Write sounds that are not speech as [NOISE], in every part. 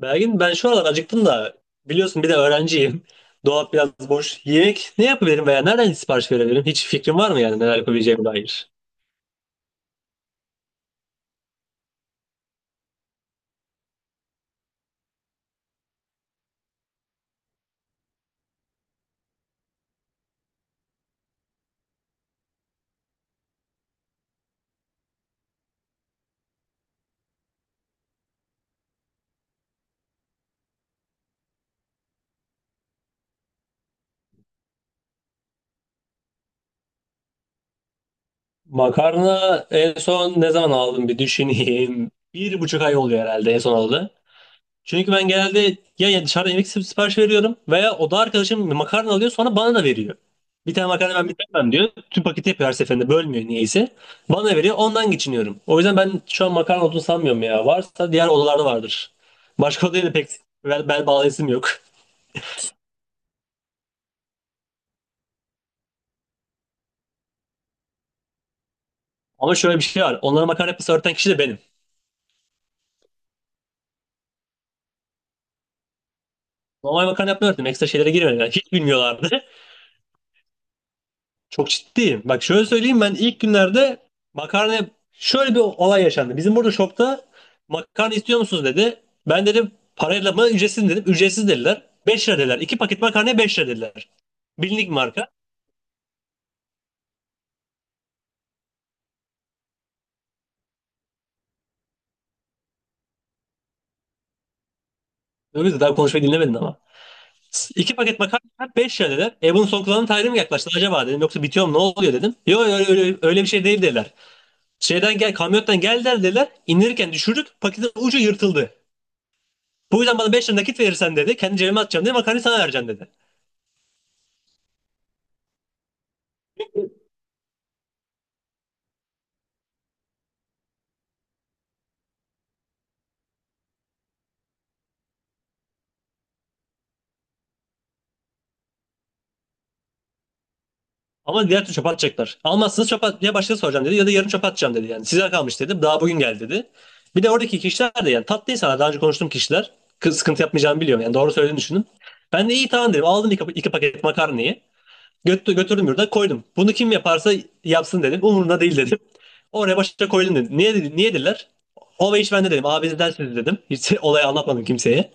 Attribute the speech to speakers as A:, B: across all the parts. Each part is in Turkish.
A: Belgin ben şu aralar acıktım da biliyorsun bir de öğrenciyim. [LAUGHS] Dolap biraz boş. Yemek ne yapabilirim veya nereden sipariş verebilirim? Hiç fikrin var mı yani neler yapabileceğime dair? Makarna en son ne zaman aldım bir düşüneyim. Bir buçuk ay oluyor herhalde en son aldı. Çünkü ben genelde ya dışarıda yemek sipariş veriyorum veya oda arkadaşım makarna alıyor sonra bana da veriyor. Bir tane makarna ben bitiremem diyor. Tüm paketi yapıyor her seferinde bölmüyor niyeyse. Bana veriyor ondan geçiniyorum. O yüzden ben şu an makarna olduğunu sanmıyorum ya. Varsa diğer odalarda vardır. Başka odaya da pek bel bağlayasım yok. Ama şöyle bir şey var. Onlara makarna yapması öğreten kişi de benim. Normal makarna yapmayı öğrettim. Ekstra şeylere girmedim. Yani hiç bilmiyorlardı. [LAUGHS] Çok ciddiyim. Bak şöyle söyleyeyim, ben ilk günlerde makarna şöyle bir olay yaşandı. Bizim burada shopta makarna istiyor musunuz dedi. Ben dedim parayla mı ücretsiz mi dedim. Ücretsiz dediler. 5 lira dediler. 2 paket makarnaya 5 lira dediler. Bilindik marka. Öyle de daha konuşmayı dinlemedin ama. 2 paket makarna 5 lira dediler. E bunun son kullanım tarihi mi yaklaştı acaba dedim. Yoksa bitiyor mu ne oluyor dedim. Yok öyle bir şey değil dediler. Şeyden gel kamyondan geldiler dediler. İndirirken düşürdük paketin ucu yırtıldı. Bu yüzden bana 5 lira nakit verirsen dedi. Kendi cebime atacağım dedi. Makarnayı sana vereceğim dedi. Ama diğer türlü çöpe atacaklar. Almazsınız çöpe at ya başkası soracağım dedi ya da yarın çöpe atacağım dedi yani. Size kalmış dedim. Daha bugün geldi dedi. Bir de oradaki kişiler de yani tatlı insanlar. Daha önce konuştuğum kişiler. Kız sıkıntı yapmayacağımı biliyorum yani. Doğru söylediğini düşündüm. Ben de iyi tamam dedim. Aldım iki paket makarnayı. Götürdüm yurda koydum. Bunu kim yaparsa yapsın dedim. Umurumda değil dedim. Oraya başa koydum dedim. Niye dediler? O ve iş bende dedim. Abinizden siz dedim. Hiç [LAUGHS] olayı anlatmadım kimseye.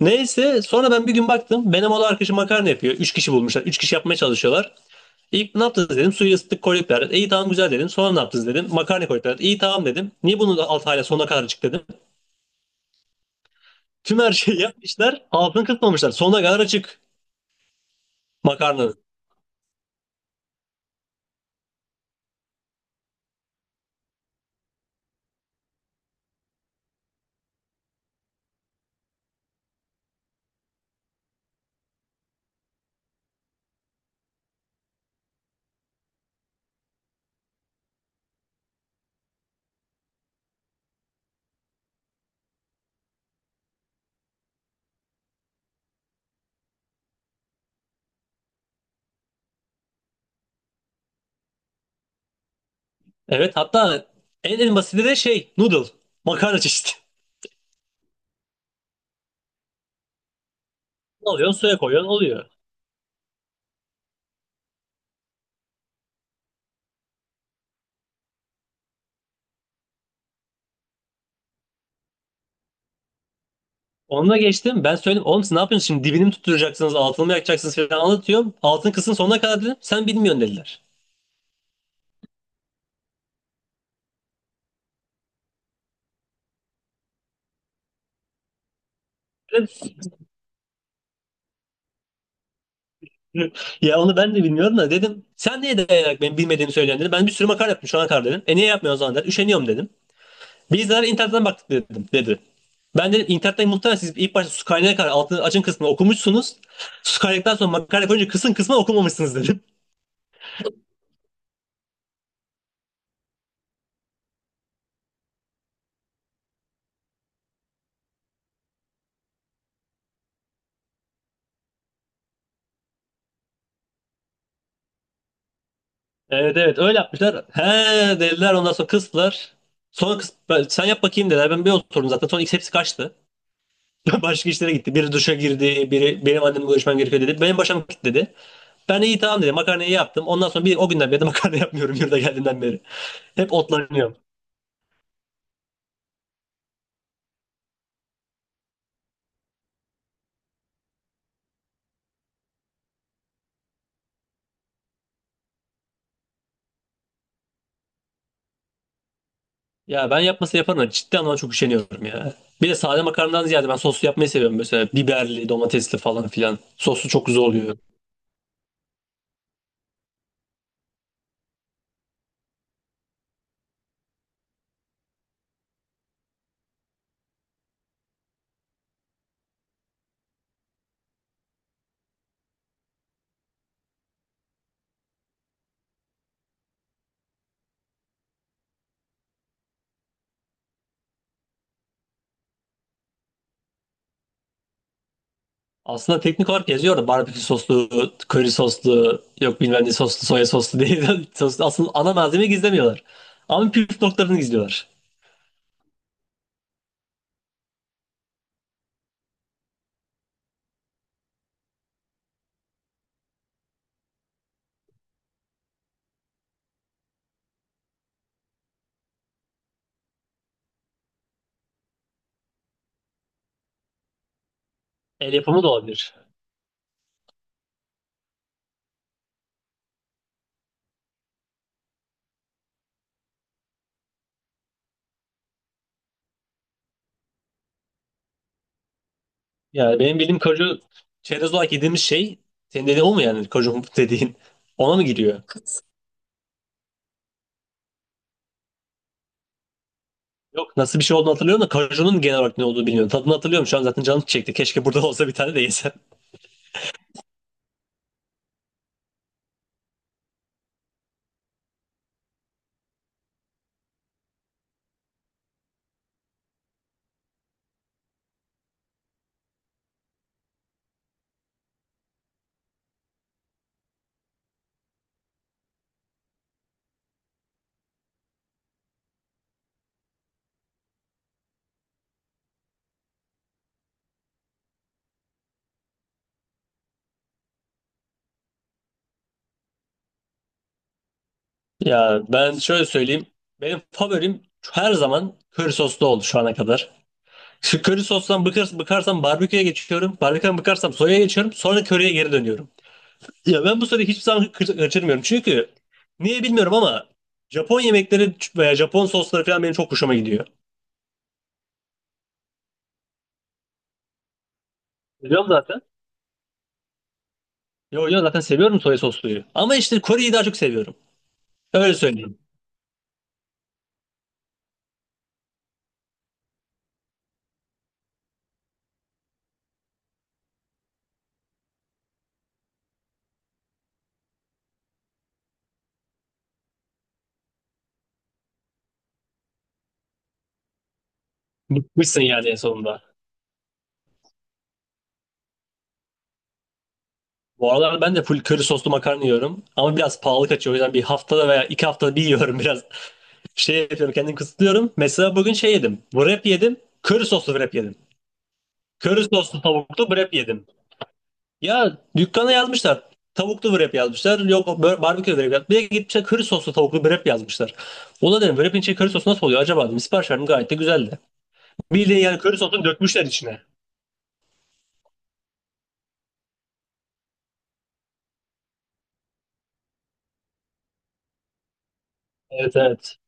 A: Neyse sonra ben bir gün baktım. Benim oğlu arkadaşım makarna yapıyor. Üç kişi bulmuşlar. Üç kişi yapmaya çalışıyorlar. İlk ne yaptınız dedim. Suyu ısıttık koyduk derdi. İyi tamam güzel dedim. Sonra ne yaptınız dedim. Makarna koyduk derdi. İyi tamam dedim. Niye bunu alt hala sonuna kadar açık dedim. Tüm her şeyi [LAUGHS] yapmışlar. Altını kısmamışlar. Sonuna kadar açık makarnanın. Evet, hatta en basiti de şey noodle. Makarna çeşidi. [LAUGHS] Alıyorsun suya koyuyorsun oluyor. Onunla geçtim. Ben söyledim. Oğlum siz ne yapıyorsunuz şimdi? Dibini mi tutturacaksınız? Altını mı yakacaksınız falan anlatıyorum. Altını kısın sonuna kadar dedim. Sen bilmiyorsun dediler. [LAUGHS] Ya onu ben de bilmiyorum da dedim. Sen niye dayanarak benim bilmediğimi söylüyorsun dedim. Ben bir sürü makale yaptım şu ana kadar dedim. E niye yapmıyorsun o zaman dedi. Üşeniyorum dedim. Bizler internetten baktık dedim dedi. Ben dedim internetten muhtemelen siz ilk başta su kaynağına kadar altını açın kısmını okumuşsunuz. Su kaynadıktan sonra makale koyunca kısın kısmını okumamışsınız dedim. Evet, evet, öyle yapmışlar. He dediler ondan sonra kıstılar. Sonra sen yap bakayım dediler. Ben bir oturdum zaten. Sonra hepsi kaçtı. [LAUGHS] Başka işlere gitti. Biri duşa girdi. Biri benim annemle görüşmem gerekiyor dedi. Benim başım gitti dedi. Ben iyi tamam dedim. Makarnayı yaptım. Ondan sonra bir o günden beri de [LAUGHS] makarna yapmıyorum yurda geldiğimden beri. Hep otlanıyorum. Ya ben yapması yaparım da ciddi anlamda çok üşeniyorum ya. Bir de sade makarnadan ziyade ben soslu yapmayı seviyorum. Mesela biberli, domatesli falan filan. Soslu çok güzel oluyor. Aslında teknik olarak yazıyor da barbekü soslu, köri soslu, yok bilmem ne soslu, soya soslu diye. [LAUGHS] Soslu. Aslında ana malzemeyi gizlemiyorlar. Ama püf noktalarını gizliyorlar. El yapımı da olabilir. Yani benim bildiğim kaju çerez olarak yediğimiz şey, senin dediğin o mu, yani kaju dediğin ona mı giriyor? Yok, nasıl bir şey olduğunu hatırlıyorum da kajunun genel olarak ne olduğunu bilmiyorum. Tadını hatırlıyorum şu an zaten canım çekti. Keşke burada [LAUGHS] olsa bir tane de yesem. [LAUGHS] Ya ben şöyle söyleyeyim. Benim favorim her zaman köri soslu oldu şu ana kadar. Şu köri sostan bıkarsam barbeküye geçiyorum. Barbeküden bıkarsam soya'ya geçiyorum. Sonra köriye geri dönüyorum. Ya ben bu soruyu hiçbir zaman kaçırmıyorum. Çünkü niye bilmiyorum ama Japon yemekleri veya Japon sosları falan benim çok hoşuma gidiyor. Biliyorum zaten. Yo yo, zaten seviyorum soya sosluyu. Ama işte Kore'yi daha çok seviyorum. Öyle söyleyeyim. Bıkmışsın yani en sonunda. Bu aralar ben de full köri soslu makarna yiyorum. Ama biraz pahalı kaçıyor. O yüzden bir haftada veya iki haftada bir yiyorum biraz. [LAUGHS] Şey yapıyorum kendimi kısıtlıyorum. Mesela bugün şey yedim. Wrap yedim. Köri soslu wrap yedim. Köri soslu tavuklu wrap yedim. Ya dükkana yazmışlar. Tavuklu wrap yazmışlar. Yok barbekü wrap yazmışlar. Bir de gitmişler köri soslu tavuklu wrap yazmışlar. Ona dedim wrap'in içi köri sosu nasıl oluyor acaba dedim. Sipariş verdim gayet de güzeldi. Bildiğin yani köri sosunu dökmüşler içine. Evet, evet.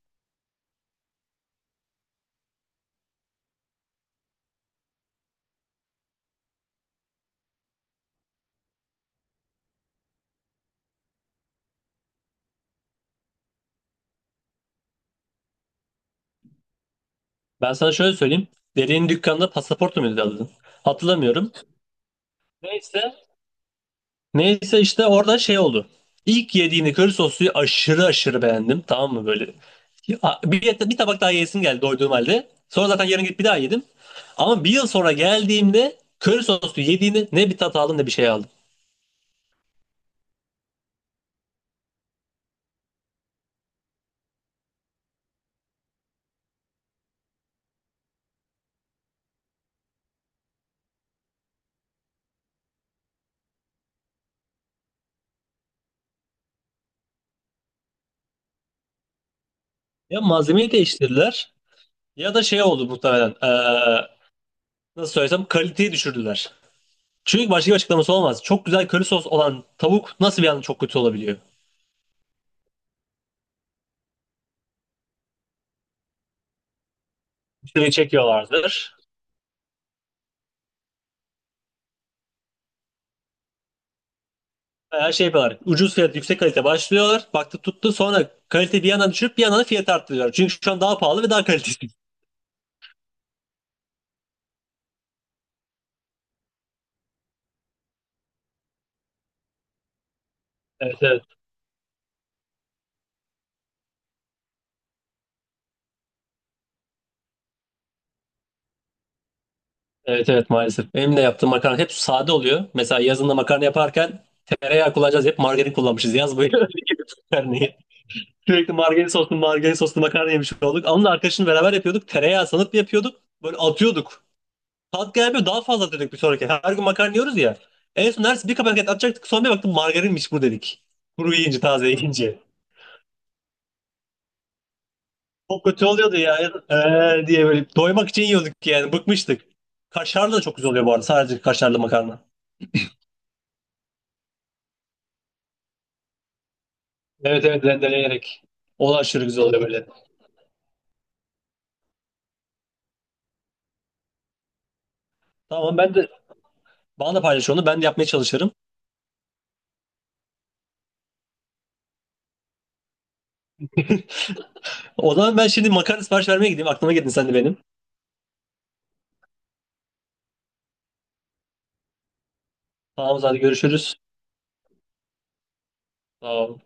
A: Ben sana şöyle söyleyeyim. Dediğin dükkanda pasaportu muydu adın? Hatırlamıyorum. Neyse, işte orada şey oldu. İlk yediğini köri sosluyu aşırı aşırı beğendim. Tamam mı böyle? Ya, bir tabak daha yesim geldi doyduğum halde. Sonra zaten yarın gidip bir daha yedim. Ama bir yıl sonra geldiğimde köri soslu yediğini ne bir tat aldım ne bir şey aldım. Ya malzemeyi değiştirdiler ya da şey oldu muhtemelen. Nasıl söylesem kaliteyi düşürdüler. Çünkü başka bir açıklaması olmaz. Çok güzel köri sos olan tavuk nasıl bir anda çok kötü olabiliyor? Bir şey çekiyorlardır. Her şey yapıyorlar. Ucuz fiyat, yüksek kalite başlıyorlar. Baktı tuttu sonra kalite bir yandan düşürüp bir yandan fiyat arttırıyorlar. Çünkü şu an daha pahalı ve daha kalitesiz. [LAUGHS] Evet, evet. Evet, evet, maalesef. Benim de yaptığım makarna hep sade oluyor. Mesela yazında makarna yaparken tereyağı kullanacağız. Hep margarin kullanmışız yaz boyu. [LAUGHS] Öyle gibi makarnayı. Sürekli margarin soslu makarna yemiş olduk. Onunla arkadaşımla beraber yapıyorduk. Tereyağı sanıp yapıyorduk. Böyle atıyorduk. Tat gelmiyor daha fazla atıyorduk bir sonraki. Her gün makarna yiyoruz ya. En son neredeyse bir kapaket atacaktık. Son bir baktım margarinmiş bu dedik. Kuru yiyince taze yiyince. Çok kötü oluyordu ya. Diye böyle doymak için yiyorduk yani bıkmıştık. Kaşarlı da çok güzel oluyor bu arada sadece kaşarlı makarna. Evet, evet, rendeleyerek. O da aşırı güzel oluyor böyle. Tamam, ben de bana da paylaş onu ben de yapmaya çalışırım. O zaman ben şimdi makarna sipariş vermeye gideyim aklıma geldin sen de benim. Tamam hadi görüşürüz. Tamam.